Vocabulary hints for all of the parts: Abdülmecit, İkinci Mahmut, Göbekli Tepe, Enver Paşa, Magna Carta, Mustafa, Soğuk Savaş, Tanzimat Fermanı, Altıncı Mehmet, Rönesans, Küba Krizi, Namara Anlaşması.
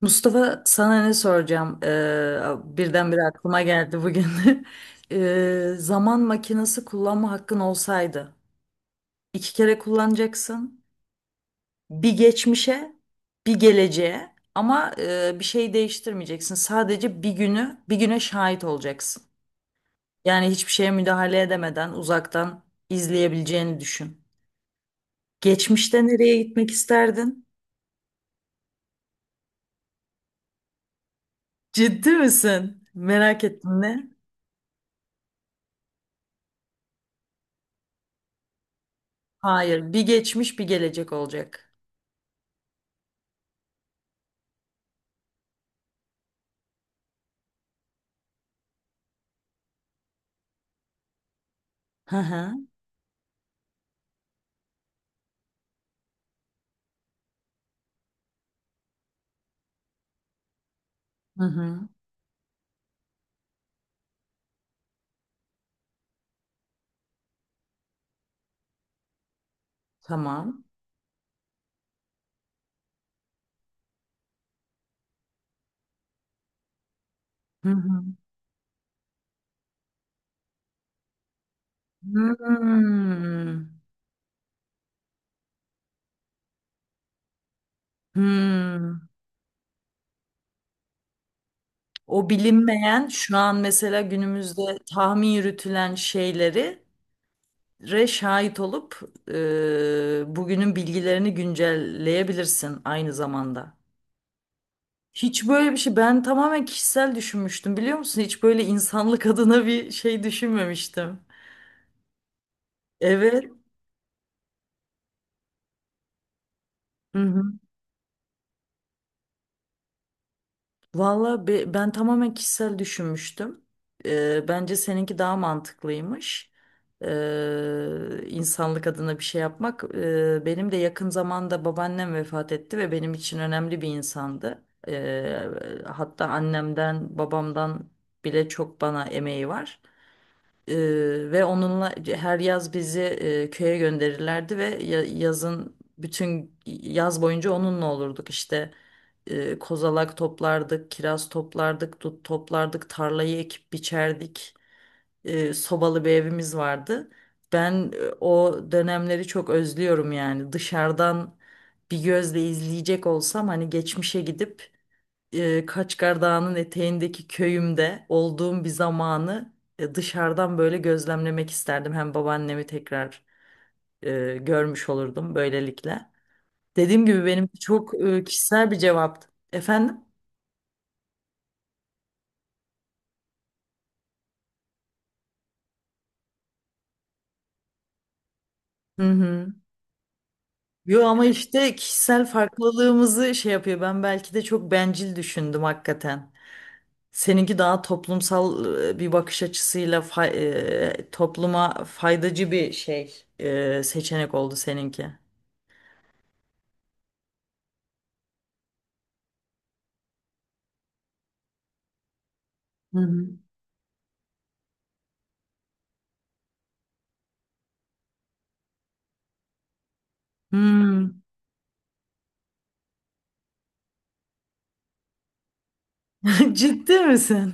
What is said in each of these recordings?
Mustafa sana ne soracağım? Birdenbire aklıma geldi bugün. Zaman makinesi kullanma hakkın olsaydı iki kere kullanacaksın. Bir geçmişe, bir geleceğe ama bir şey değiştirmeyeceksin. Sadece bir günü, bir güne şahit olacaksın. Yani hiçbir şeye müdahale edemeden uzaktan izleyebileceğini düşün. Geçmişte nereye gitmek isterdin? Ciddi misin? Merak ettim ne? Hayır, bir geçmiş, bir gelecek olacak. Hı hı. Hı hı. Tamam. Hı hı. Hmm. Hmm. O bilinmeyen şu an mesela günümüzde tahmin yürütülen şeyleri şahit olup bugünün bilgilerini güncelleyebilirsin aynı zamanda. Hiç böyle bir şey ben tamamen kişisel düşünmüştüm biliyor musun? Hiç böyle insanlık adına bir şey düşünmemiştim. Evet. Hı hı. Valla ben tamamen kişisel düşünmüştüm. Bence seninki daha mantıklıymış. İnsanlık adına bir şey yapmak. Benim de yakın zamanda babaannem vefat etti ve benim için önemli bir insandı. Ee, hatta annemden, babamdan bile çok bana emeği var. Ee, ve onunla her yaz bizi köye gönderirlerdi ve yazın bütün yaz boyunca onunla olurduk işte kozalak toplardık, kiraz toplardık, dut toplardık, tarlayı ekip biçerdik. Sobalı bir evimiz vardı. Ben o dönemleri çok özlüyorum yani. Dışarıdan bir gözle izleyecek olsam hani geçmişe gidip Kaçkar Dağı'nın eteğindeki köyümde olduğum bir zamanı dışarıdan böyle gözlemlemek isterdim. Hem babaannemi tekrar görmüş olurdum böylelikle. Dediğim gibi benim çok kişisel bir cevaptı. Efendim? Hı hı. Yo, ama işte kişisel farklılığımızı şey yapıyor. Ben belki de çok bencil düşündüm hakikaten. Seninki daha toplumsal bir bakış açısıyla topluma faydacı bir şey seçenek oldu seninki. Hı hı. Hmm. Ciddi misin?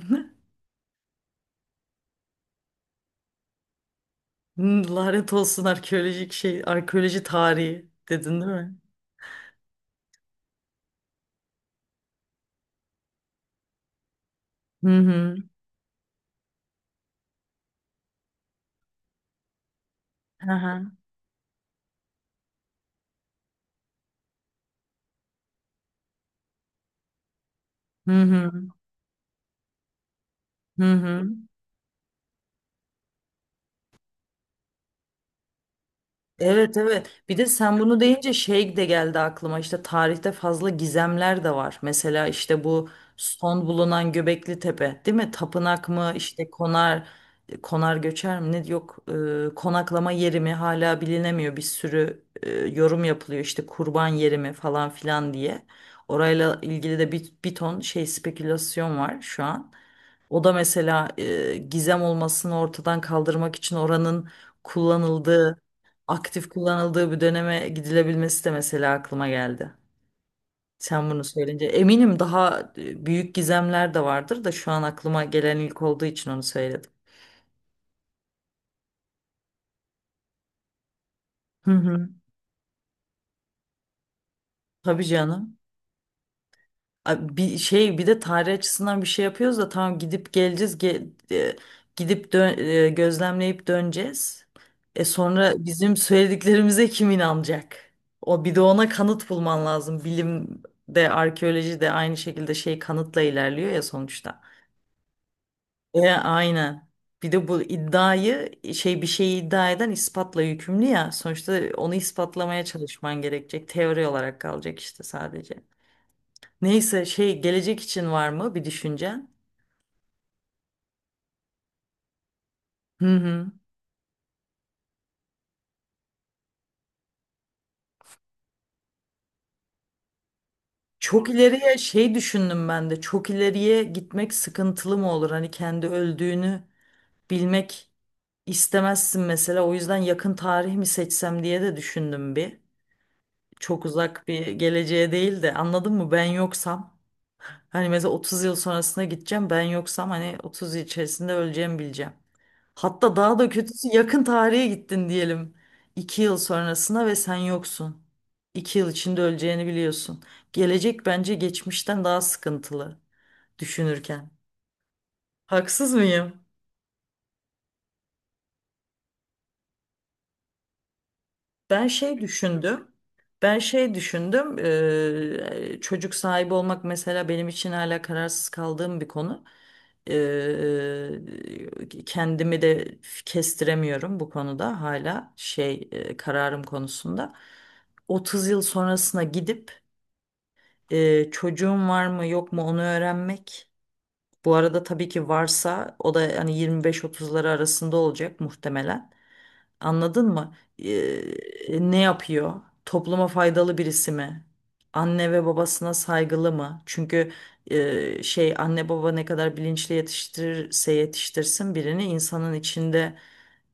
Hmm. Lanet olsun arkeolojik şey, arkeoloji tarihi dedin değil mi? Hı hı. Aha. Hı hı. Hı hı. Evet, evet. Bir de sen bunu deyince şey de geldi aklıma. İşte tarihte fazla gizemler de var. Mesela işte bu son bulunan Göbekli Tepe, değil mi? Tapınak mı? İşte konar göçer mi? Ne yok konaklama yeri mi hala bilinemiyor. Bir sürü yorum yapılıyor. İşte kurban yeri mi falan filan diye. Orayla ilgili de bir ton şey spekülasyon var şu an. O da mesela gizem olmasını ortadan kaldırmak için oranın kullanıldığı aktif kullanıldığı bir döneme gidilebilmesi de mesela aklıma geldi. Sen bunu söyleyince eminim daha büyük gizemler de vardır da şu an aklıma gelen ilk olduğu için onu söyledim. Hı hı. Tabii canım. Bir şey bir de tarih açısından bir şey yapıyoruz da tamam gidip geleceğiz gidip gözlemleyip döneceğiz. E sonra bizim söylediklerimize kim inanacak? O bir de ona kanıt bulman lazım. Bilim de arkeoloji de aynı şekilde şey kanıtla ilerliyor ya sonuçta. Aynen. Bir de bu iddiayı şey bir şeyi iddia eden ispatla yükümlü ya. Sonuçta onu ispatlamaya çalışman gerekecek. Teori olarak kalacak işte sadece. Neyse şey gelecek için var mı bir düşüncen? Hı hı. Çok ileriye şey düşündüm ben de. Çok ileriye gitmek sıkıntılı mı olur? Hani kendi öldüğünü bilmek istemezsin mesela. O yüzden yakın tarih mi seçsem diye de düşündüm bir. Çok uzak bir geleceğe değil de anladın mı? Ben yoksam. Hani mesela 30 yıl sonrasına gideceğim, ben yoksam hani 30 yıl içerisinde öleceğimi bileceğim. Hatta daha da kötüsü yakın tarihe gittin diyelim. 2 yıl sonrasına ve sen yoksun. 2 yıl içinde öleceğini biliyorsun. Gelecek bence geçmişten daha sıkıntılı düşünürken. Haksız mıyım? Ben şey düşündüm. Ben şey düşündüm. Çocuk sahibi olmak mesela benim için hala kararsız kaldığım bir konu. Eee, kendimi de kestiremiyorum bu konuda hala şey kararım konusunda. 30 yıl sonrasına gidip çocuğum var mı yok mu onu öğrenmek. Bu arada tabii ki varsa o da hani 25-30'ları arasında olacak muhtemelen. Anladın mı? Ee, ne yapıyor? Topluma faydalı birisi mi? Anne ve babasına saygılı mı? Çünkü şey anne baba ne kadar bilinçli yetiştirirse yetiştirsin birini, insanın içinde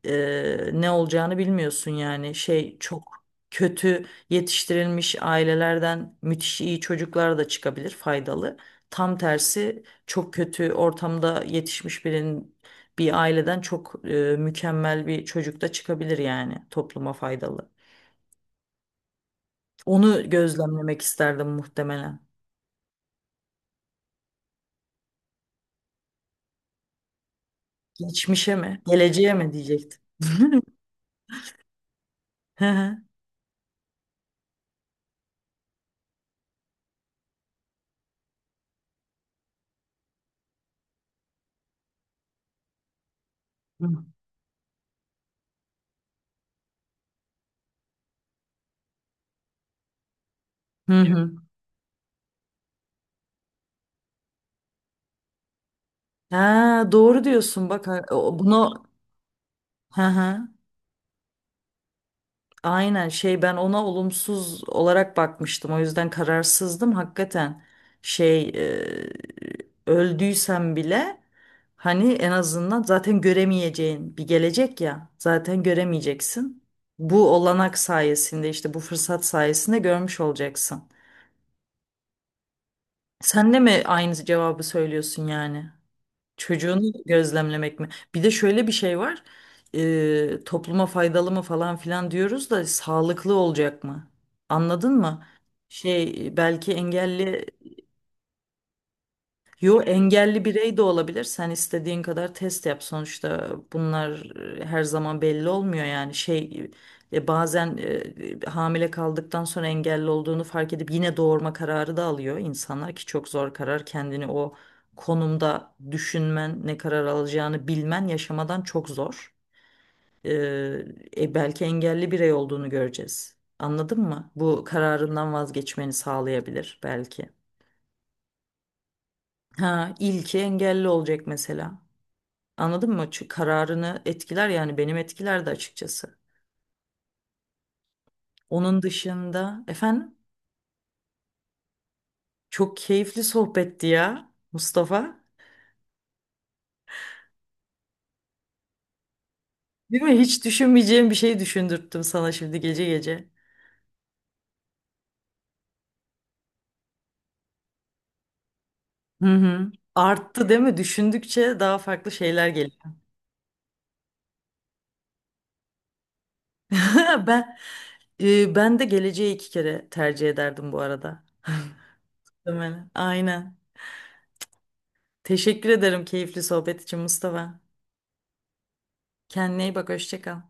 ne olacağını bilmiyorsun yani. Şey çok kötü yetiştirilmiş ailelerden müthiş iyi çocuklar da çıkabilir, faydalı. Tam tersi çok kötü ortamda yetişmiş birinin, bir aileden çok mükemmel bir çocuk da çıkabilir, yani topluma faydalı. Onu gözlemlemek isterdim muhtemelen. Geçmişe mi? Geleceğe mi diyecektim. Hı hı. Hı hı. Ha, doğru diyorsun bak, bunu hı hı. Aynen şey, ben ona olumsuz olarak bakmıştım. O yüzden kararsızdım. Hakikaten şey öldüysem bile, hani en azından zaten göremeyeceğin bir gelecek ya. Zaten göremeyeceksin. Bu olanak sayesinde, işte bu fırsat sayesinde görmüş olacaksın. Sen de mi aynı cevabı söylüyorsun yani? Çocuğunu gözlemlemek mi? Bir de şöyle bir şey var. Topluma faydalı mı falan filan diyoruz da sağlıklı olacak mı? Anladın mı? Şey belki engelli Yo, engelli birey de olabilir. Sen istediğin kadar test yap. Sonuçta bunlar her zaman belli olmuyor yani. Şey bazen hamile kaldıktan sonra engelli olduğunu fark edip yine doğurma kararı da alıyor insanlar ki çok zor karar. Kendini o konumda düşünmen, ne karar alacağını bilmen yaşamadan çok zor. E, belki engelli birey olduğunu göreceğiz. Anladın mı? Bu kararından vazgeçmeni sağlayabilir belki. Ha, ilki engelli olacak mesela. Anladın mı? Çünkü kararını etkiler, yani benim etkiler de açıkçası. Onun dışında efendim, çok keyifli sohbetti ya Mustafa. Değil mi? Hiç düşünmeyeceğim bir şey düşündürttüm sana şimdi gece gece. Hı hı. Arttı değil mi? Düşündükçe daha farklı şeyler geliyor. Ben ben de geleceği iki kere tercih ederdim bu arada. Değil mi? Aynen. Teşekkür ederim keyifli sohbet için Mustafa. Kendine iyi bak, hoşça kal.